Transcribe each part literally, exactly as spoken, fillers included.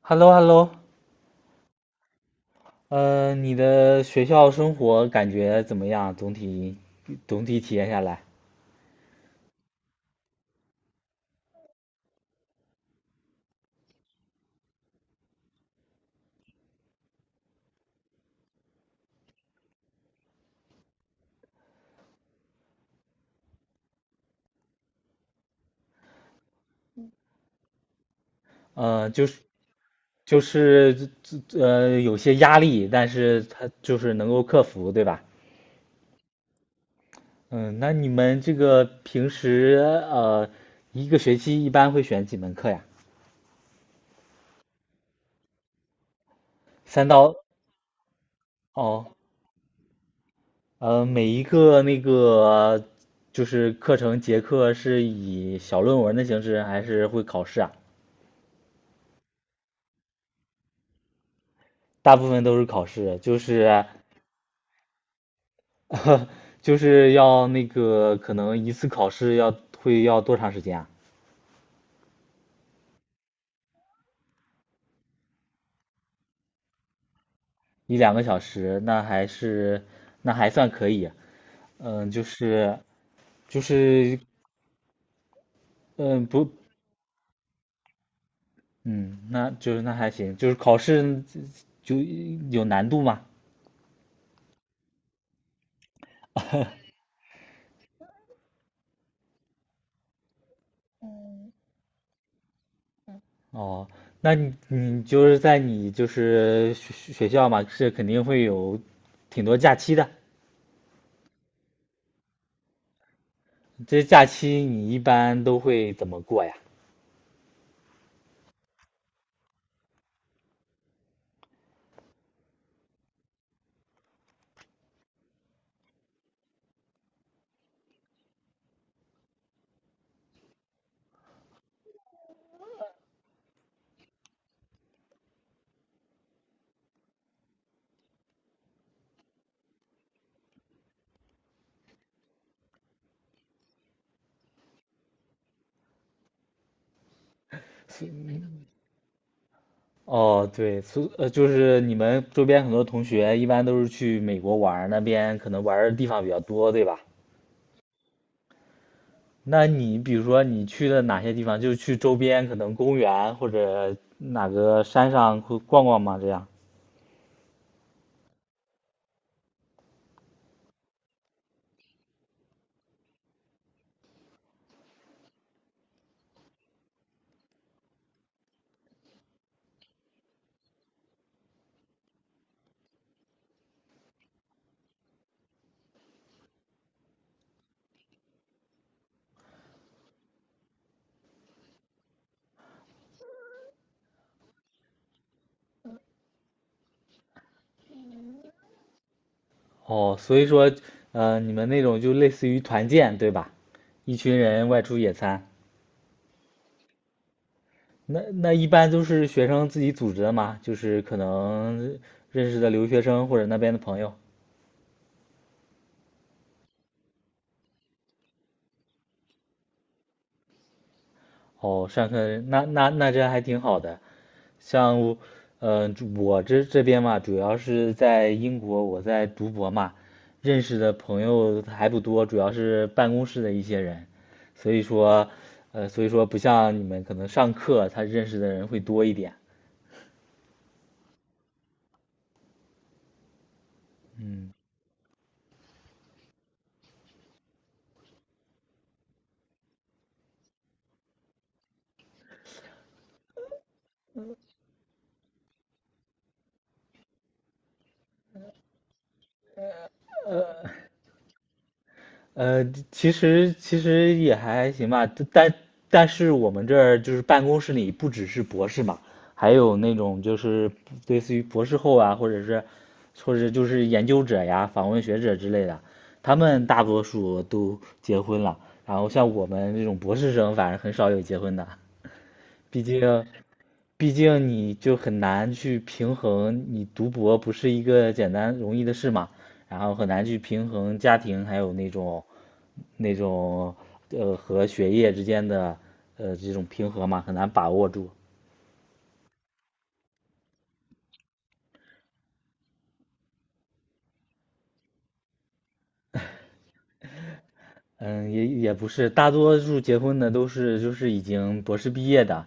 h e l l o h e l l o 呃，你的学校生活感觉怎么样？总体总体体验下来，呃，就是就是呃有些压力，但是它就是能够克服，对吧？嗯，那你们这个平时呃一个学期一般会选几门课呀？三到哦，呃，每一个那个就是课程结课是以小论文的形式，还是会考试啊？大部分都是考试，就是。 就是要那个可能一次考试要会要多长时间啊？一两个小时，那还是那还算可以。嗯，就是就是嗯不嗯，那就是那还行，就是考试就有难度嘛。哦，那你你就是在你就是学学校嘛，是肯定会有挺多假期的。这假期你一般都会怎么过呀？哦，对，所呃，就是你们周边很多同学一般都是去美国玩儿，那边可能玩儿的地方比较多，对吧？那你比如说你去了哪些地方？就是去周边可能公园或者哪个山上会逛逛吗？这样。哦，所以说，呃，你们那种就类似于团建，对吧？一群人外出野餐，那那一般都是学生自己组织的嘛，就是可能认识的留学生或者那边的朋友。哦，上课那那那这还挺好的。像我，呃，我这这边嘛，主要是在英国，我在读博嘛，认识的朋友还不多，主要是办公室的一些人，所以说，呃，所以说不像你们可能上课他认识的人会多一点。嗯，呃，其实其实也还行吧，但但是我们这儿就是办公室里不只是博士嘛，还有那种就是类似于博士后啊，或者是或者就是研究者呀、访问学者之类的，他们大多数都结婚了，然后像我们这种博士生，反正很少有结婚的。毕竟，毕竟你就很难去平衡，你读博不是一个简单容易的事嘛，然后很难去平衡家庭还有那种那种呃和学业之间的呃这种平衡嘛，很难把握住。嗯，也也不是，大多数结婚的都是就是已经博士毕业的，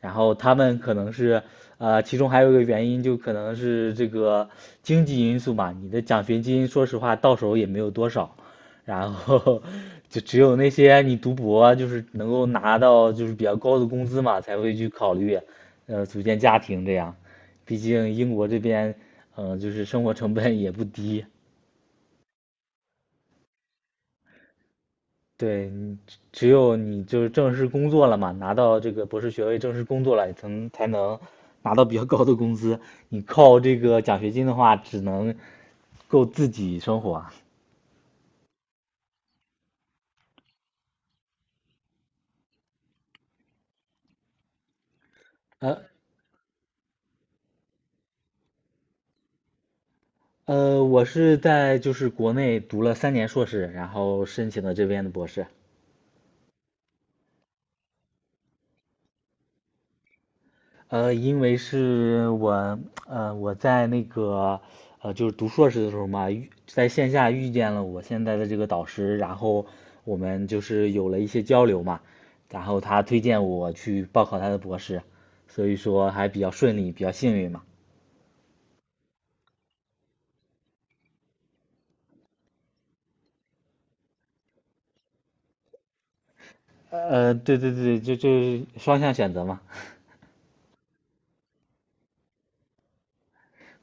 然后他们可能是，呃，其中还有一个原因就可能是这个经济因素嘛，你的奖学金说实话到手也没有多少，然后 就只有那些你读博就是能够拿到就是比较高的工资嘛，才会去考虑，呃，组建家庭这样，毕竟英国这边，呃，就是生活成本也不低。对，你只只有你就是正式工作了嘛，拿到这个博士学位，正式工作了，才能才能拿到比较高的工资。你靠这个奖学金的话，只能够自己生活。呃呃，我是在就是国内读了三年硕士，然后申请的这边的博士。呃，因为是我，呃，我在那个，呃，就是读硕士的时候嘛，遇在线下遇见了我现在的这个导师，然后我们就是有了一些交流嘛，然后他推荐我去报考他的博士，所以说还比较顺利，比较幸运嘛。呃，对对对，就就是双向选择嘛。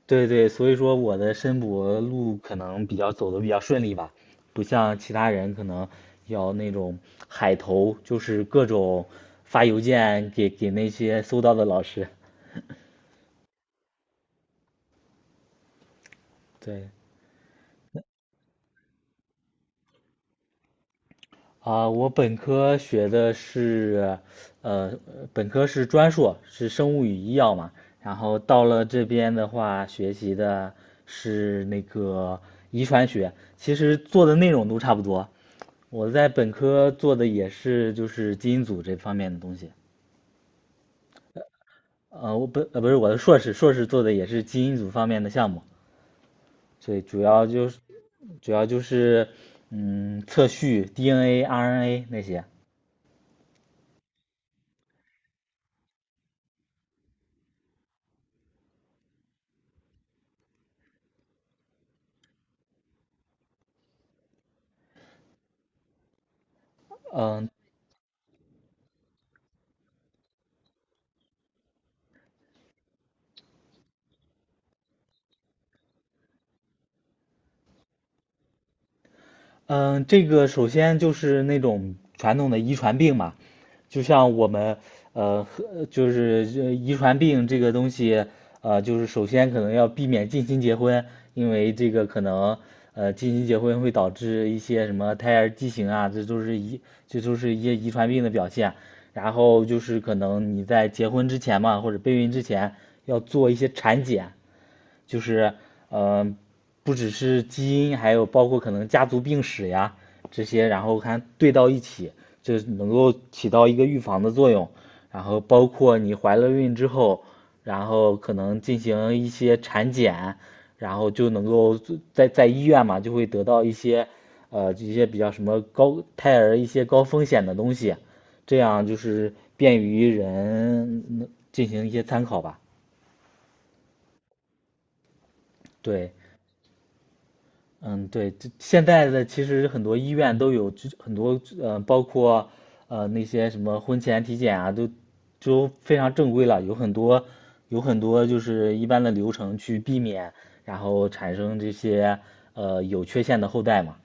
对对，所以说我的申博路可能比较走的比较顺利吧，不像其他人可能要那种海投，就是各种发邮件给给那些搜到的老师。对，啊，我本科学的是，呃，本科是专硕，是生物与医药嘛。然后到了这边的话，学习的是那个遗传学，其实做的内容都差不多。我在本科做的也是就是基因组这方面的东西。呃，我本呃不是我的硕士，硕士做的也是基因组方面的项目，所以主要就是主要就是嗯测序 D N A、R N A 那些。嗯，嗯，这个首先就是那种传统的遗传病嘛，就像我们呃，和就是呃遗传病这个东西，呃，就是首先可能要避免近亲结婚，因为这个可能呃近亲结婚会导致一些什么胎儿畸形啊，这都是遗这都是一些遗传病的表现。然后就是可能你在结婚之前嘛，或者备孕之前要做一些产检，就是，呃，不只是基因，还有包括可能家族病史呀这些，然后看对到一起，就能够起到一个预防的作用。然后包括你怀了孕之后，然后可能进行一些产检，然后就能够在在医院嘛，就会得到一些呃一些比较什么高胎儿一些高风险的东西，这样就是便于人嗯进行一些参考吧。对，嗯，对，这现在的其实很多医院都有这很多呃，包括呃那些什么婚前体检啊，都都非常正规了，有很多有很多就是一般的流程去避免，然后产生这些呃有缺陷的后代嘛。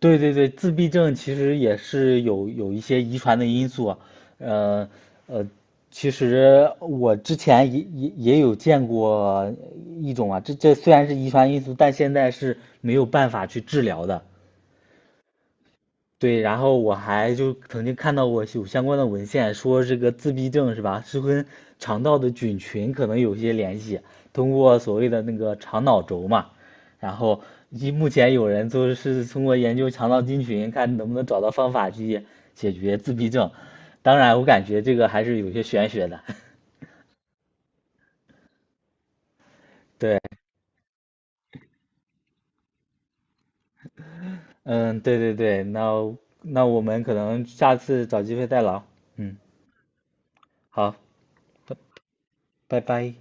对对对，自闭症其实也是有有一些遗传的因素啊，呃呃，其实我之前也也也有见过一种啊，这这虽然是遗传因素，但现在是没有办法去治疗的。对，然后我还就曾经看到过有相关的文献，说这个自闭症是吧，是跟肠道的菌群可能有些联系，通过所谓的那个肠脑轴嘛，然后一目前有人就是通过研究肠道菌群，看能不能找到方法去解决自闭症。当然，我感觉这个还是有些玄学的。对，嗯，对对对，那那我们可能下次找机会再聊。嗯，好，拜拜拜。